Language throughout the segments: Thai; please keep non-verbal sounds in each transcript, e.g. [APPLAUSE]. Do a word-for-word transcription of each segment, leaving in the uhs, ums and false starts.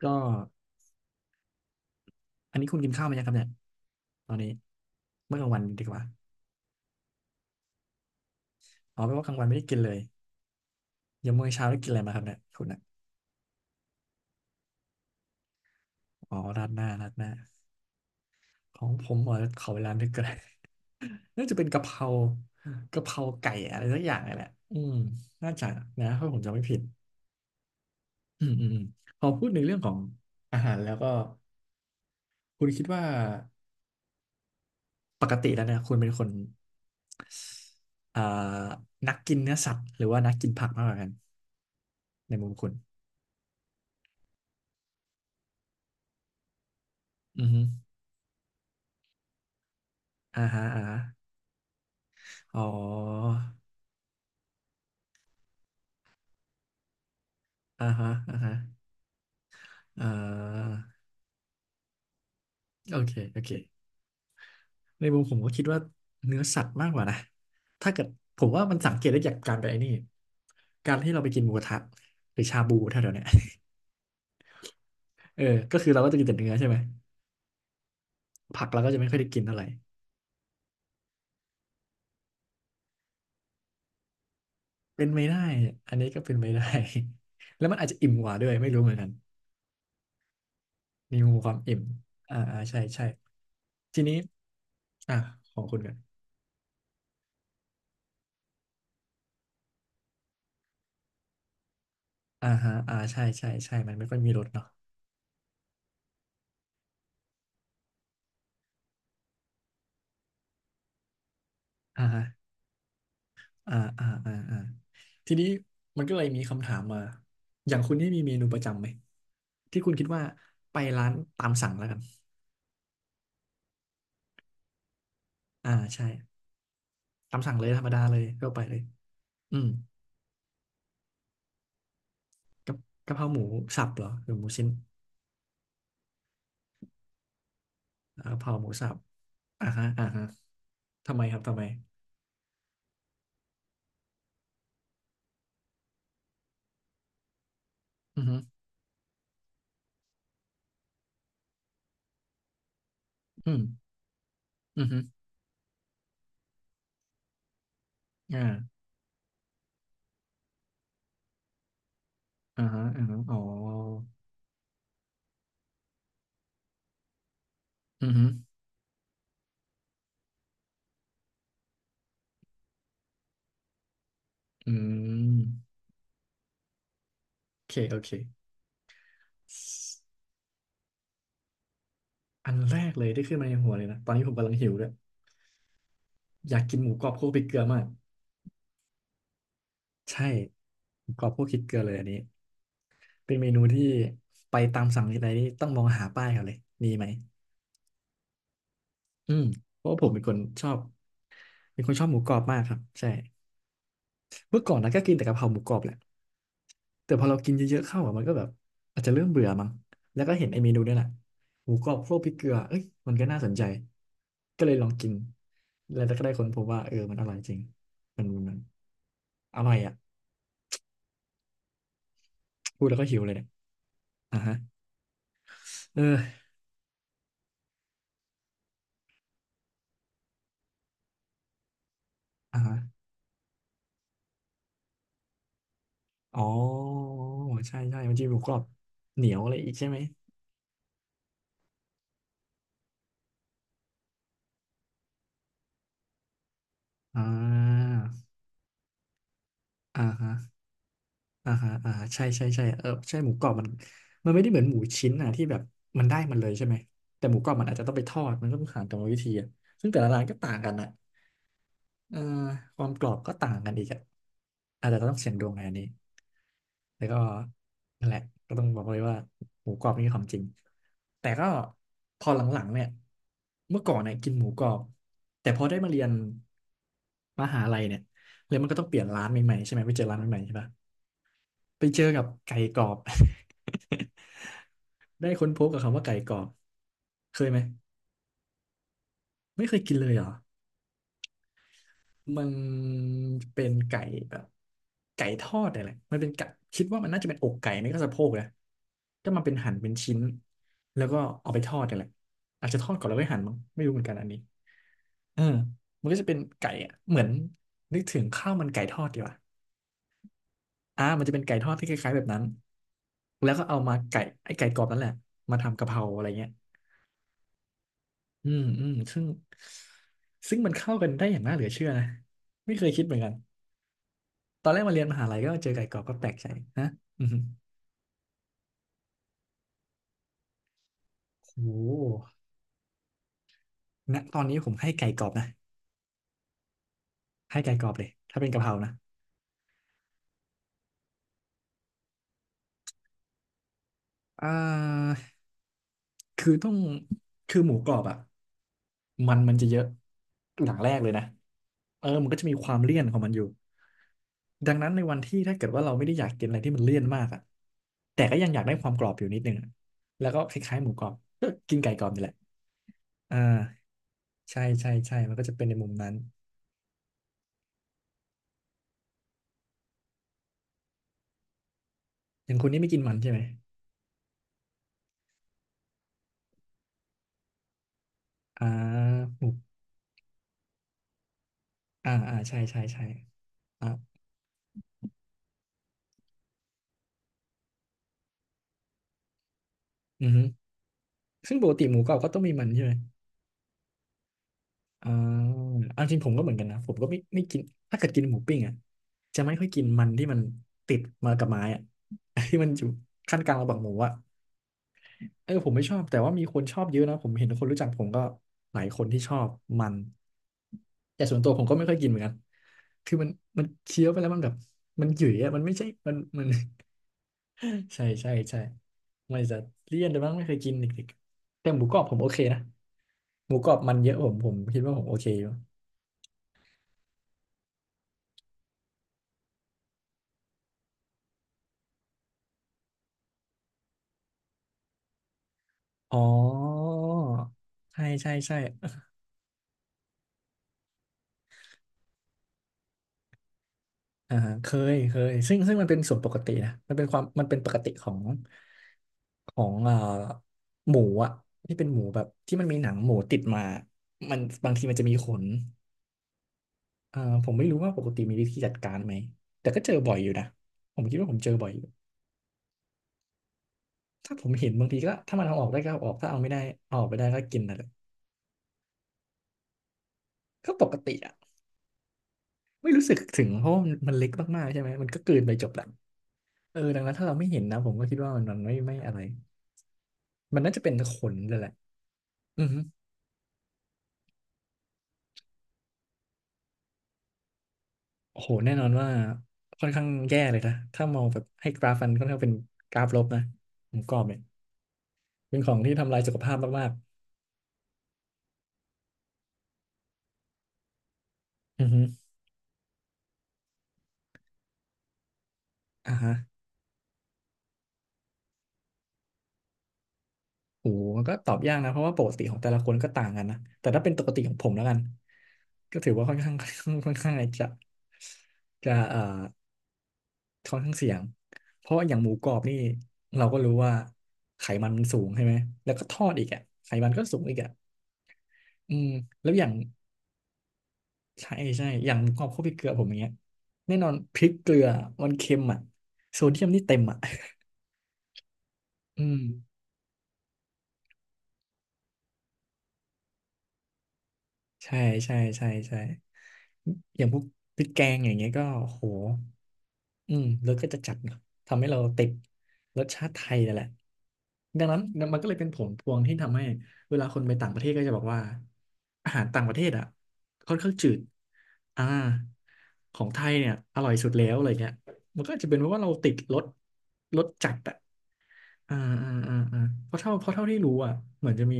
ก็อันนี้คุณกินข้าวไหมยังครับเนี่ยตอนนี้เมื่อกลางวันดีกว่าอ๋อแปลว่ากลางวันไม่ได้กินเลยยังมื้อเช้าได้กินอะไรมาครับเนี่ยคุณอ่ะอ๋อราดหน้าราดหน้าของผมเหรอขอเวลานึกก่อน [LAUGHS] น่าจะเป็นกะเพรากะเพราไก่อะไรสักอย่างนี่แหละอืมน่าจะนะถ้าผมจำไม่ผิดอืมอืมอืมพอพูดในเรื่องของอาหารแล้วก็คุณคิดว่าปกติแล้วเนี่ยคุณเป็นคนอ่านักกินเนื้อสัตว์หรือว่านักกินผักมากกว่ากันในมุมคุณอือฮึอ่าฮะอ่าฮะ อ๋ออ่าฮะอ่าฮะอ่าโอเคโอเคในมุมผมก็คิดว่าเนื้อสัตว์มากกว่านะถ้าเกิดผมว่ามันสังเกตได้จากการไปไอ้นี่การที่เราไปกินหมูกระทะหรือชาบูแถวๆเนี้ย [LAUGHS] เออก็คือเราก็จะกินแต่เนื้อใช่ไหมผักเราก็จะไม่ค่อยได้กินเท่าไหร่เป็นไม่ได้อันนี้ก็เป็นไม่ได้ [LAUGHS] แล้วมันอาจจะอิ่มกว่าด้วยไม่รู้เหมือนกันมีมุมความอิ่มอ่าอ่าใช่ใช่ทีนี้อ่าของคุณกันอ่าฮะอ่าใช่ใช่ใช่มันไม่ค่อยมีรสเนาะอ่าฮะ อ่าอ่าอ่าอ่าทีนี้มันก็เลยมีคำถามมาอย่างคุณนี่มีเมนูประจำไหมที่คุณคิดว่าไปร้านตามสั่งแล้วกันอ่าใช่ตามสั่งเลยธรรมดาเลยทั่วไปเลยอืมกะกะเพราหมูสับเหรอหรือหมูชิ้นอ่ากะเพราหมูสับอ่าฮะอ่าฮะทำไมครับทำไมอือฮึอืมอือฮึอ่าอ่าฮะอ่าฮะอ๋ออือฮึอืมโอเคโอเคอันแรกเลยที่ขึ้นมาในหัวเลยนะตอนนี้ผมกำลังหิวด้วยอยากกินหมูกรอบคั่วพริกเกลือมาก ใช่กรอบพวกคิดเกลือเลยอันนี้เป็นเมนูที่ไปตามสั่งที่ไหนนี่ต้องมองหาป้ายเขาเลยมีไหมอืมเพราะว่าผมเป็นคนชอบเป็นคนชอบหมูกรอบมากครับใช่เมื่อก่อนนะก็กินแต่กะเพราหมูกรอบแหละแต่พอเรากินเยอะๆเข้าอะมันก็แบบอาจจะเริ่มเบื่อมั้งแล้วก็เห็นไอ้เมนูเนี่ยแหละหมูกรอบโคลกพริกเกลือเอ้ยมันก็น่าสนใจก็เลยลองกินแล้วก็ได้ค้นพบว่าเออมันอร่อยจริงมันมันอร่อยอ่ะพูดแล้วก็หิวเลยเนี่ยอ่ะฮะเอออ่ะ อ๋อใช่ใช่มันจะมีหมูกรอบเหนียวอะไรอีกใช่ไหมอ่าอ่าฮะอ่าฮะอ่าใช่ใช่ใช่เออใช่หมูกรอบมันมันไม่ได้เหมือนหมูชิ้นอ่ะที่แบบมันได้มันเลยใช่ไหมแต่หมูกรอบมันอาจจะต้องไปทอดมันก็ต้องผ่านกรรมวิธีอะซึ่งแต่ละร้านก็ต่างกันนะ เอ่อความกรอบก็ต่างกันอีกอะอาจจะต้องเสี่ยงดวงในอันนี้แล้วก็นั่นแหละก็ต้องบอกเลยว่าหมูกรอบนี่ของจริงแต่ก็พอหลังๆเนี่ยเมื่อก่อนเนี่ยกินหมูกรอบแต่พอได้มาเรียนมหาลัยเนี่ยเลยมันก็ต้องเปลี่ยนร้านใหม่ๆใช่ไหมไปเจอร้านใหม่ๆใช่ปะไปเจอกับไก่กรอบ [LAUGHS] ได้ค้นพบกับคำว่าไก่กรอบเคยไหมไม่เคยกินเลยเหรอ มันเป็นไก่แบบไก่ทอดอะไรมันเป็นไก่คิดว่ามันน่าจะเป็นอกไก่ไม่ก็สะโพกนะก็มาเป็นหั่นเป็นชิ้นแล้วก็เอาไปทอดอะไรอาจจะทอดก่อนแล้วค่อยหั่นมั้งไม่รู้เหมือนกันอันนี้เออมันก็จะเป็นไก่อะเหมือนนึกถึงข้าวมันไก่ทอดดีกว่าอ่ามันจะเป็นไก่ทอดที่คล้ายๆแบบนั้นแล้วก็เอามาไก่ไอ้ไก่กรอบนั่นแหละมาทำกะเพราอะไรเงี้ยอืมอืมซึ่งซึ่งมันเข้ากันได้อย่างน่าเหลือเชื่อนะไม่เคยคิดเหมือนกัน ตอนแรกมาเรียนมหาลัยก็เจอไก่กรอบก็แปลกใจนะอือหือโอ้โหณตอนนี้ผมให้ไก่กรอบนะให้ไก่กรอบเลยถ้าเป็นกะเพรานะอ่าคือต้องคือหมูกรอบอ่ะมันมันจะเยอะอย่างแรกเลยนะเออมันก็จะมีความเลี่ยนของมันอยู่ดังนั้นในวันที่ถ้าเกิดว่าเราไม่ได้อยากกินอะไรที่มันเลี่ยนมากอ่ะแต่ก็ยังอยากได้ความกรอบอยู่นิดนึงอะแล้วก็คล้ายๆหมูกรอบก็กินไก่กรอบนี่แหละอ่าใช่ใช่ใช่มันก็จะเป็นในมุมนั้นอย่างคุณนี่ไม่กินมันใช่ไหม อ่าหมูอ่าอ่าใช่ใช่ใช่อ่ะอือฮึซึ่งปกติหมูกรอบก็ต้องมีมันใช่ไหมอ่าเอาจริงผมก็เหมือนกันนะผมก็ไม่ไม่กินถ้าเกิดกินหมูปิ้งอ่ะจะไม่ค่อยกินมันที่มันติดมากับไม้อ่ะ [LAUGHS] ที่มันอยู่ขั้นกลางระหว่างหมูอ่ะเออผมไม่ชอบแต่ว่ามีคนชอบเยอะนะผมเห็นคนรู้จักผมก็หลายคนที่ชอบมันแต่ส่วนตัวผมก็ไม่ค่อยกินเหมือนกันคือมันมันเคี้ยวไปแล้วมันแบบมันหยุ่ยอะมันไม่ใช่มันมัน [LAUGHS] ใช่ใช่ใช่ไม่จะเลี่ยนเลยมั้งไม่เคยกินเด็กๆแต่หมูกรอบผมโอเคนะหมูกรอบมันเยอะผมผมคิดว่าผมโอเคอยู่อ๋อใช่ใช่ใช่อ่าฮะเคยเคยซึ่งซึ่งมันเป็นส่วนปกตินะมันเป็นความมันเป็นปกติของของอ่าหมูอ่ะที่เป็นหมูแบบที่มันมีหนังหมูติดมามันบางทีมันจะมีขนอ่าผมไม่รู้ว่าปกติมีวิธีจัดการไหมแต่ก็เจอบ่อยอยู่นะผมคิดว่าผมเจอบ่อย ถ้าผมเห็นบางทีก็ถ้ามันเอาออกได้ก็เอาออกถ้าเอาไม่ได้เอาออกไปได้ก็กินนั่นแหละก็ปกติอ่ะไม่รู้สึกถึงเพราะมันมันเล็กมากๆใช่ไหมมันก็กลืนไปจบละเออดังนั้นถ้าเราไม่เห็นนะผมก็คิดว่ามันมันไม่ไม่อะไรมันน่าจะเป็นขนเลยแหละอือฮึโอ้โหแน่นอนว่าค่อนข้างแย่เลยนะถ้ามองแบบให้กราฟมันค่อนข้างเป็นกราฟลบนะหมกรอบเนี่ยเป็นของที่ทำลายสุขภาพมากๆอือฮึอ่าฮะ โอ้โหมันก็ตอบยากนะเพราะว่าปกติของแต่ละคนก็ต่างกันนะแต่ถ้าเป็นปกติของผมแล้วกันก็ถือว่าค่อนข้าง [LAUGHS] ค่อนข้างจะจะเอ่อค่อนข้างเสี่ยงเพราะว่าอย่างหมูกรอบนี่เราก็รู้ว่าไขมันมันสูงใช่ไหมแล้วก็ทอดอีกอ่ะไขมันก็สูงอีกอ่ะอืมแล้วอย่างใช่ใช่อย่างหมูกรอบข้าวพริกเกลือผมอย่างเงี้ยแน่นอนพริกเกลือมันเค็มอ่ะโซเดียมนี่เต็มอ่ะ [LAUGHS] อืม ใช่ใช่ใช่ใช่อย่างพวกพริกแกงอย่างเงี้ยก็โหอืมรสก็จะจัดเนอะทำให้เราติดรสชาติไทยนั่นแหละดังนั้นมันก็เลยเป็นผลพวงที่ทำให้เวลาคนไปต่างประเทศก็จะบอกว่าอาหารต่างประเทศอ่ะค่อนข้างจืดอ่าของไทยเนี่ยอร่อยสุดแล้วอะไรเงี้ยมันก็อาจจะเป็นเพราะว่าเราติดรสรสจัดอ่ะอ่าอ่าอ่าอ่าเพราะเท่าเพราะเท่าที่รู้อ่ะเหมือนจะมี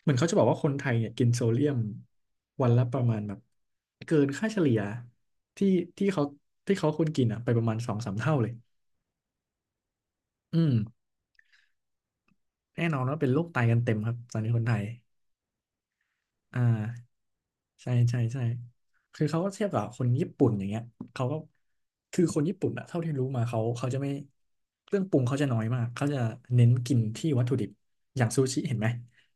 เหมือนเขาจะบอกว่าคนไทยเนี่ยกินโซเดียมวันละประมาณแบบเกินค่าเฉลี่ยที่ที่เขาที่เขาควรกินอ่ะไปประมาณสองสามเท่าเลยอืมแน่นอนว่าเป็นโรคไตกันเต็มครับตอนนี้คนไทย อ่าใช่ใช่ใช่คือเขาก็เทียบกับคนญี่ปุ่นอย่างเงี้ยเขาก็คือคนญี่ปุ่นอะเท่าที่รู้มาเขาเขาจะไม่เครื่องปรุงเขาจะน้อยมากเขาจะเน้นกินที่วัตถุดิบอย่างซูชิเห็นไหม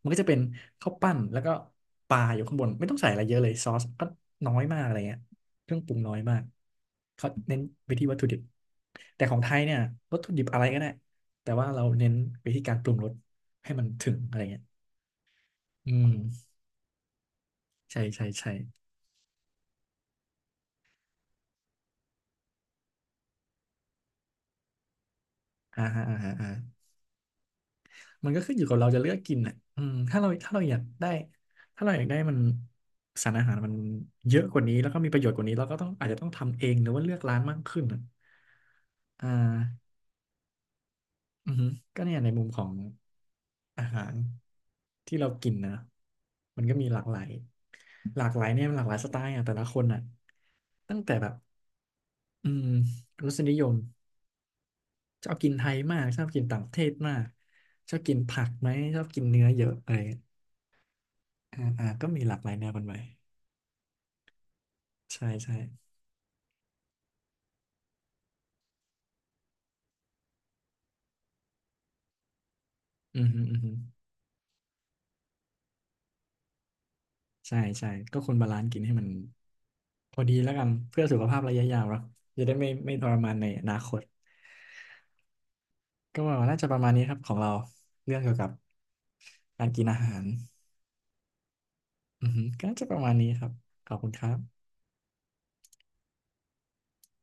มันก็จะเป็นข้าวปั้นแล้วก็ปลาอยู่ข้างบนไม่ต้องใส่อะไรเยอะเลยซอสก็น้อยมากอะไรเงี้ยเครื่องปรุงน้อยมากเขาเน้นไปที่วัตถุดิบแต่ของไทยเนี่ยวัตถุดิบอะไรก็ได้แต่ว่าเราเน้นไปที่การปรุงรสให้มันถึงอะไรเงี้ยอืมใช่ใช่ใช่ อ่าฮะอ่าฮะอ่ามันก็ขึ้นอยู่กับเราจะเลือกกินอ่ะอืมถ้าเราถ้าเราอยากได้ถ้าเราอยากได้มันสารอาหารมันเยอะกว่านี้แล้วก็มีประโยชน์กว่านี้เราก็ต้องอาจจะต้องทำเองหรือว่าเลือกร้านมากขึ้นอะอ่าอือฮึก็เนี่ยในมุมของอาหารที่เรากินนะมันก็มีหลากหลายหลากหลายเนี่ยมันหลากหลายสไตล์อ่ะแต่ละคนอ่ะตั้งแต่แบบอืมรสนิยมชอบกินไทยมากชอบกินต่างประเทศมากชอบกินผักไหมชอบกินเนื้อเยอะอะไร อ่าอ่าก็มีหลากหลายแนวกันไปใช่ใช่อือฮึอือฮึใช่ใช่ก็ควรบาลานซ์กินให้มันพอดีแล้วกันเพื่อสุขภาพระยะยาวเนาะจะได้ไม่ไม่ทรมานในอนาคตก็าน่าจะประมาณนี้ครับของเราเรื่องเกี่ยวกับการกินอาหารอือฮึก็น่าจะประมาณนี้ครับขอบคุณครับ